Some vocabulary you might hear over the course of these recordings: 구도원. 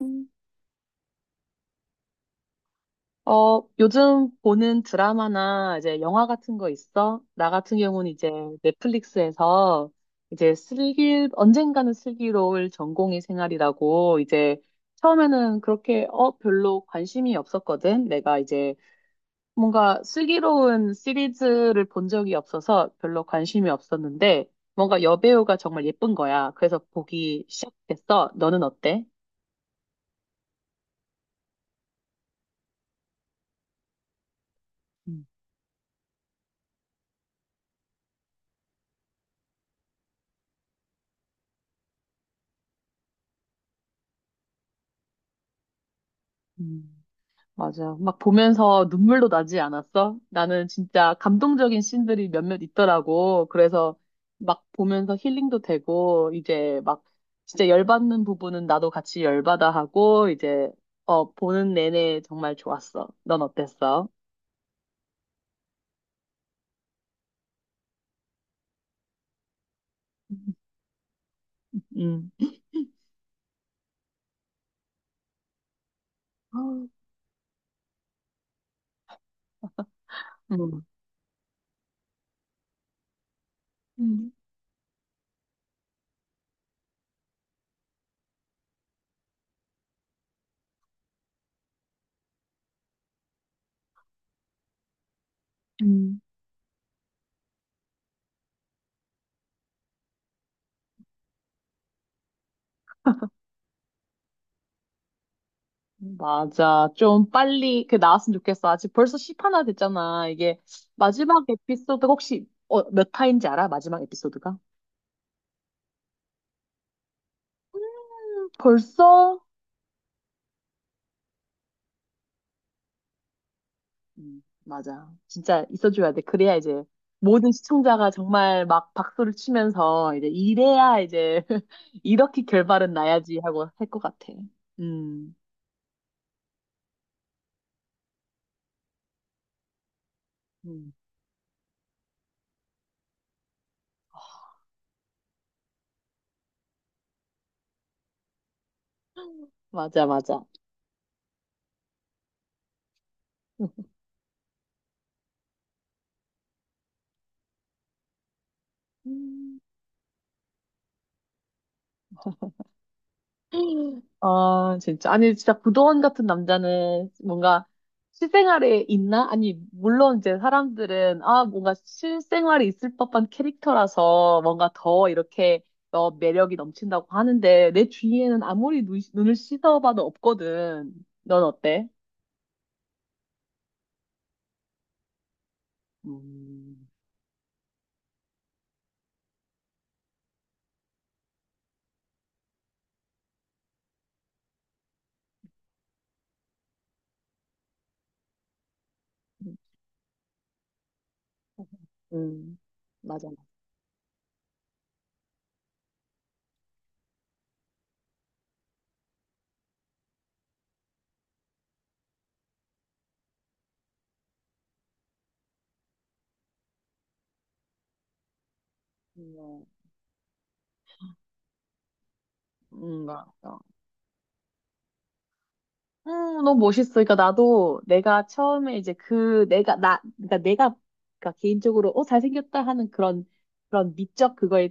음. 어, 요즘 보는 드라마나 이제 영화 같은 거 있어? 나 같은 경우는 이제 넷플릭스에서 이제 언젠가는 슬기로울 전공의 생활이라고 이제 처음에는 그렇게 별로 관심이 없었거든. 내가 이제 뭔가 슬기로운 시리즈를 본 적이 없어서 별로 관심이 없었는데 뭔가 여배우가 정말 예쁜 거야. 그래서 보기 시작했어. 너는 어때? 음. 음. 맞아. 막 보면서 눈물도 나지 않았어? 나는 진짜 감동적인 씬들이 몇몇 있더라고. 그래서 막 보면서 힐링도 되고, 이제 막 진짜 열받는 부분은 나도 같이 열받아 하고, 보는 내내 정말 좋았어. 넌 어땠어? 음. 음. 음, 음. 음. 맞아. 좀 빨리 그 나왔으면 좋겠어. 아직 벌써 10화나 됐잖아. 이게 마지막 에피소드가 혹시 몇 화인지 알아? 마지막 에피소드가? 벌써? 맞아. 진짜 있어줘야 돼. 그래야 이제 모든 시청자가 정말 막 박수를 치면서 이제 이래야 이제 이렇게 결말은 나야지 하고 할 것 같아. 음, 음. 맞아, 맞아. 아, 진짜. 아니, 진짜 구도원 같은 남자는 뭔가 실생활에 있나? 아니, 물론 이제 사람들은, 뭔가 실생활에 있을 법한 캐릭터라서 뭔가 더 이렇게 매력이 넘친다고 하는데, 내 주위에는 아무리 눈을 씻어봐도 없거든. 넌 어때? 음, 음, 맞아. 뭐, 맞아. 너무 멋있어. 그러니까 나도 내가 처음에 이제 그 내가 나 그러니까 내가 그러니까 개인적으로 잘생겼다 하는 그런 그런 미적 그거에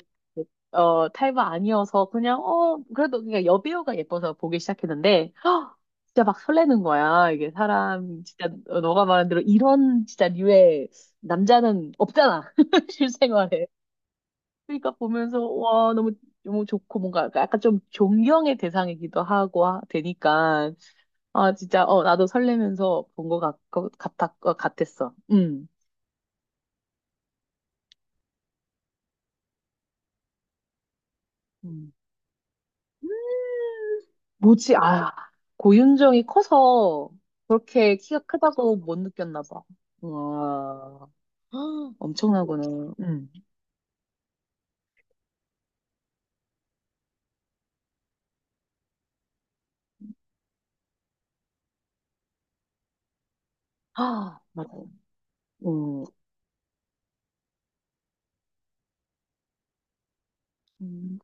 탈바 아니어서 그냥 그래도 그냥 여배우가 예뻐서 보기 시작했는데 진짜 막 설레는 거야. 이게 사람 진짜 너가 말한 대로 이런 진짜 류의 남자는 없잖아. 실생활에. 그러니까 보면서 와 너무 너무 좋고 뭔가 약간 좀 존경의 대상이기도 하고 되니까 아, 진짜, 나도 설레면서 본 것 같았어. 음. 뭐지? 아, 고윤정이 커서 그렇게 키가 크다고 못 느꼈나 봐. 와, 엄청나구나. 음. 아, 맞아. 음, 음.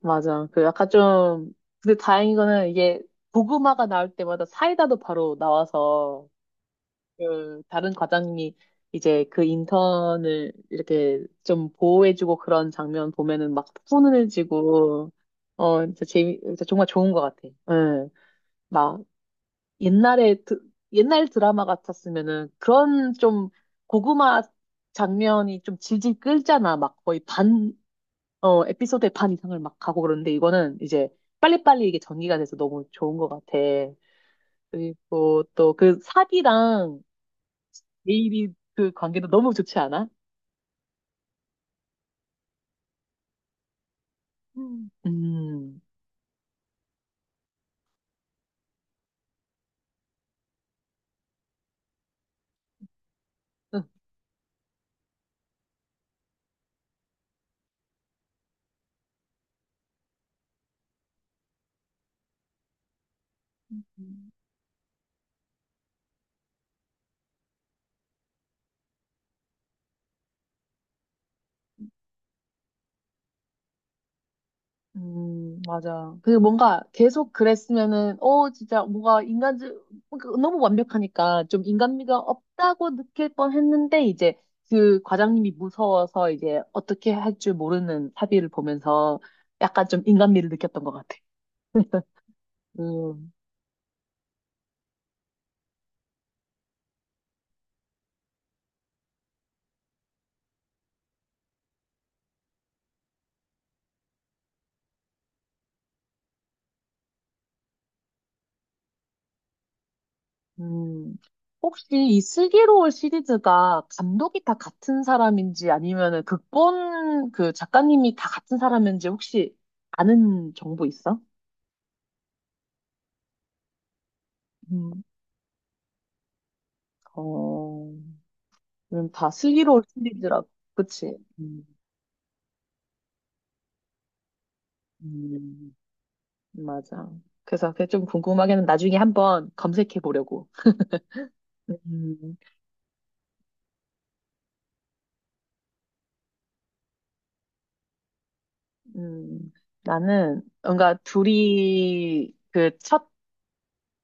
맞아. 근데 다행인 거는 이게 고구마가 나올 때마다 사이다도 바로 나와서 그 다른 과장님이 이제 그 인턴을 이렇게 좀 보호해주고 그런 장면 보면은 막 손을 쥐고 진짜 정말 좋은 것 같아. 응. 막 옛날에 드, 옛날 드라마 같았으면은 그런 좀 고구마 장면이 좀 질질 끌잖아. 막 거의 반 에피소드의 반 이상을 막 가고 그러는데 이거는 이제 빨리빨리 이게 전기가 돼서 너무 좋은 것 같아. 그리고 또 그 삽이랑 내일이 그 관계도 너무 좋지 않아? 음. 음, 맞아. 그리고 뭔가 계속 그랬으면은, 진짜 뭔가 너무 완벽하니까 좀 인간미가 없다고 느낄 뻔 했는데, 이제 그 과장님이 무서워서 이제 어떻게 할 줄 모르는 사비를 보면서 약간 좀 인간미를 느꼈던 것 같아. 음, 혹시 이 슬기로울 시리즈가 감독이 다 같은 사람인지 아니면은 극본 그 작가님이 다 같은 사람인지 혹시 아는 정보 있어? 음, 어, 그럼 다 슬기로울 시리즈라고. 그치? 음, 음, 맞아. 그래서 그게 좀 궁금하게는 나중에 한번 검색해 보려고. 음, 음, 나는 뭔가 둘이 그첫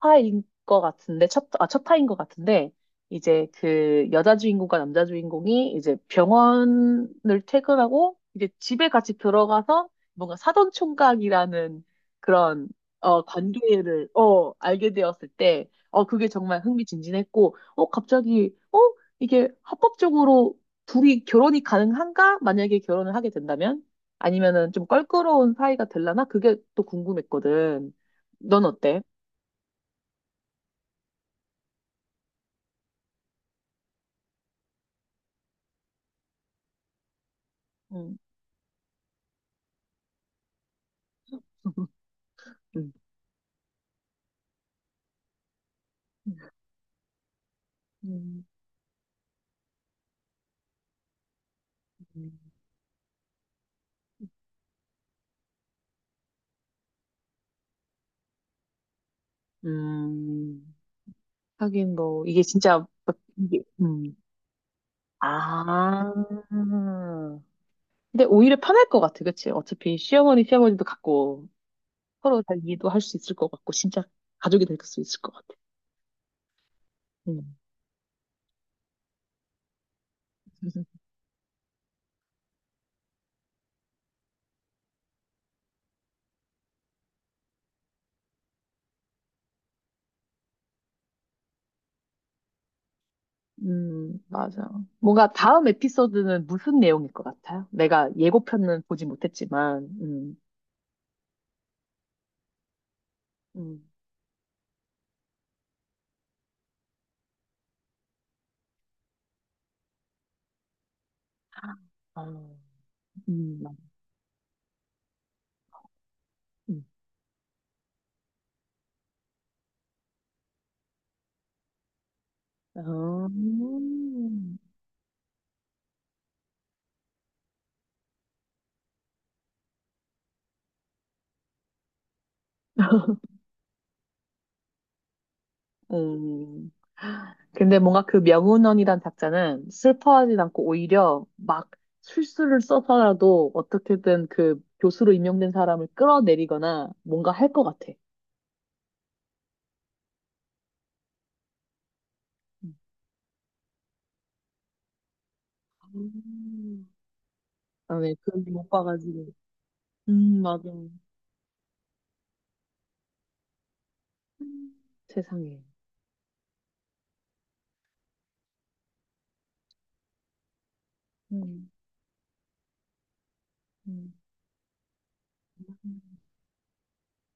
화인 것 같은데, 첫 화인 것 같은데, 이제 그 여자 주인공과 남자 주인공이 이제 병원을 퇴근하고, 이제 집에 같이 들어가서 뭔가 사돈 총각이라는 그런, 관계를, 알게 되었을 때, 그게 정말 흥미진진했고, 이게 합법적으로 둘이 결혼이 가능한가? 만약에 결혼을 하게 된다면? 아니면은 좀 껄끄러운 사이가 될라나? 그게 또 궁금했거든. 넌 어때? 음. 음, 음, 음. 하긴 뭐 이게 진짜 막 이게 아. 근데 오히려 편할 것 같아, 그치? 어차피 시어머니, 시아버지도 같고 서로 잘 이해도 할 수 있을 것 같고 진짜 가족이 될 수 있을 것 같아. 음. 맞아. 뭔가 다음 에피소드는 무슨 내용일 것 같아요? 내가 예고편은 보지 못했지만, 음, 아, 음, 맞- 음. 아, 음. 음. 근데 뭔가 그 명운원이란 작자는 슬퍼하진 않고 오히려 막 술수를 써서라도 어떻게든 그 교수로 임명된 사람을 끌어내리거나 뭔가 할 것 같아. 음. 음. 아, 네, 그런 못 봐가지고. 맞아. 음. 세상에. 음. 음.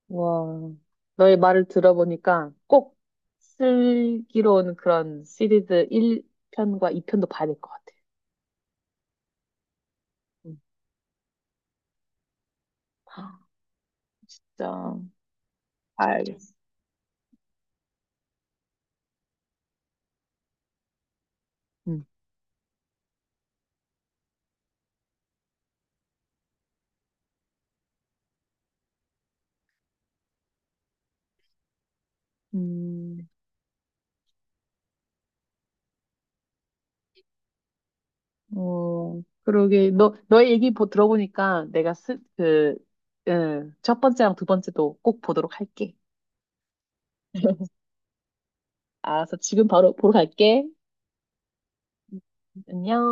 와, 너의 말을 들어보니까 꼭 슬기로운 그런 시리즈 1편과 2편도 봐야 될 것 같아. 음. 진짜. 알겠어. 음. 음, 어, 그러게. 너의 얘기 들어보니까 응, 첫 번째랑 두 번째도 꼭 보도록 할게. 알았어. 지금 바로 보러 갈게. 응. 안녕.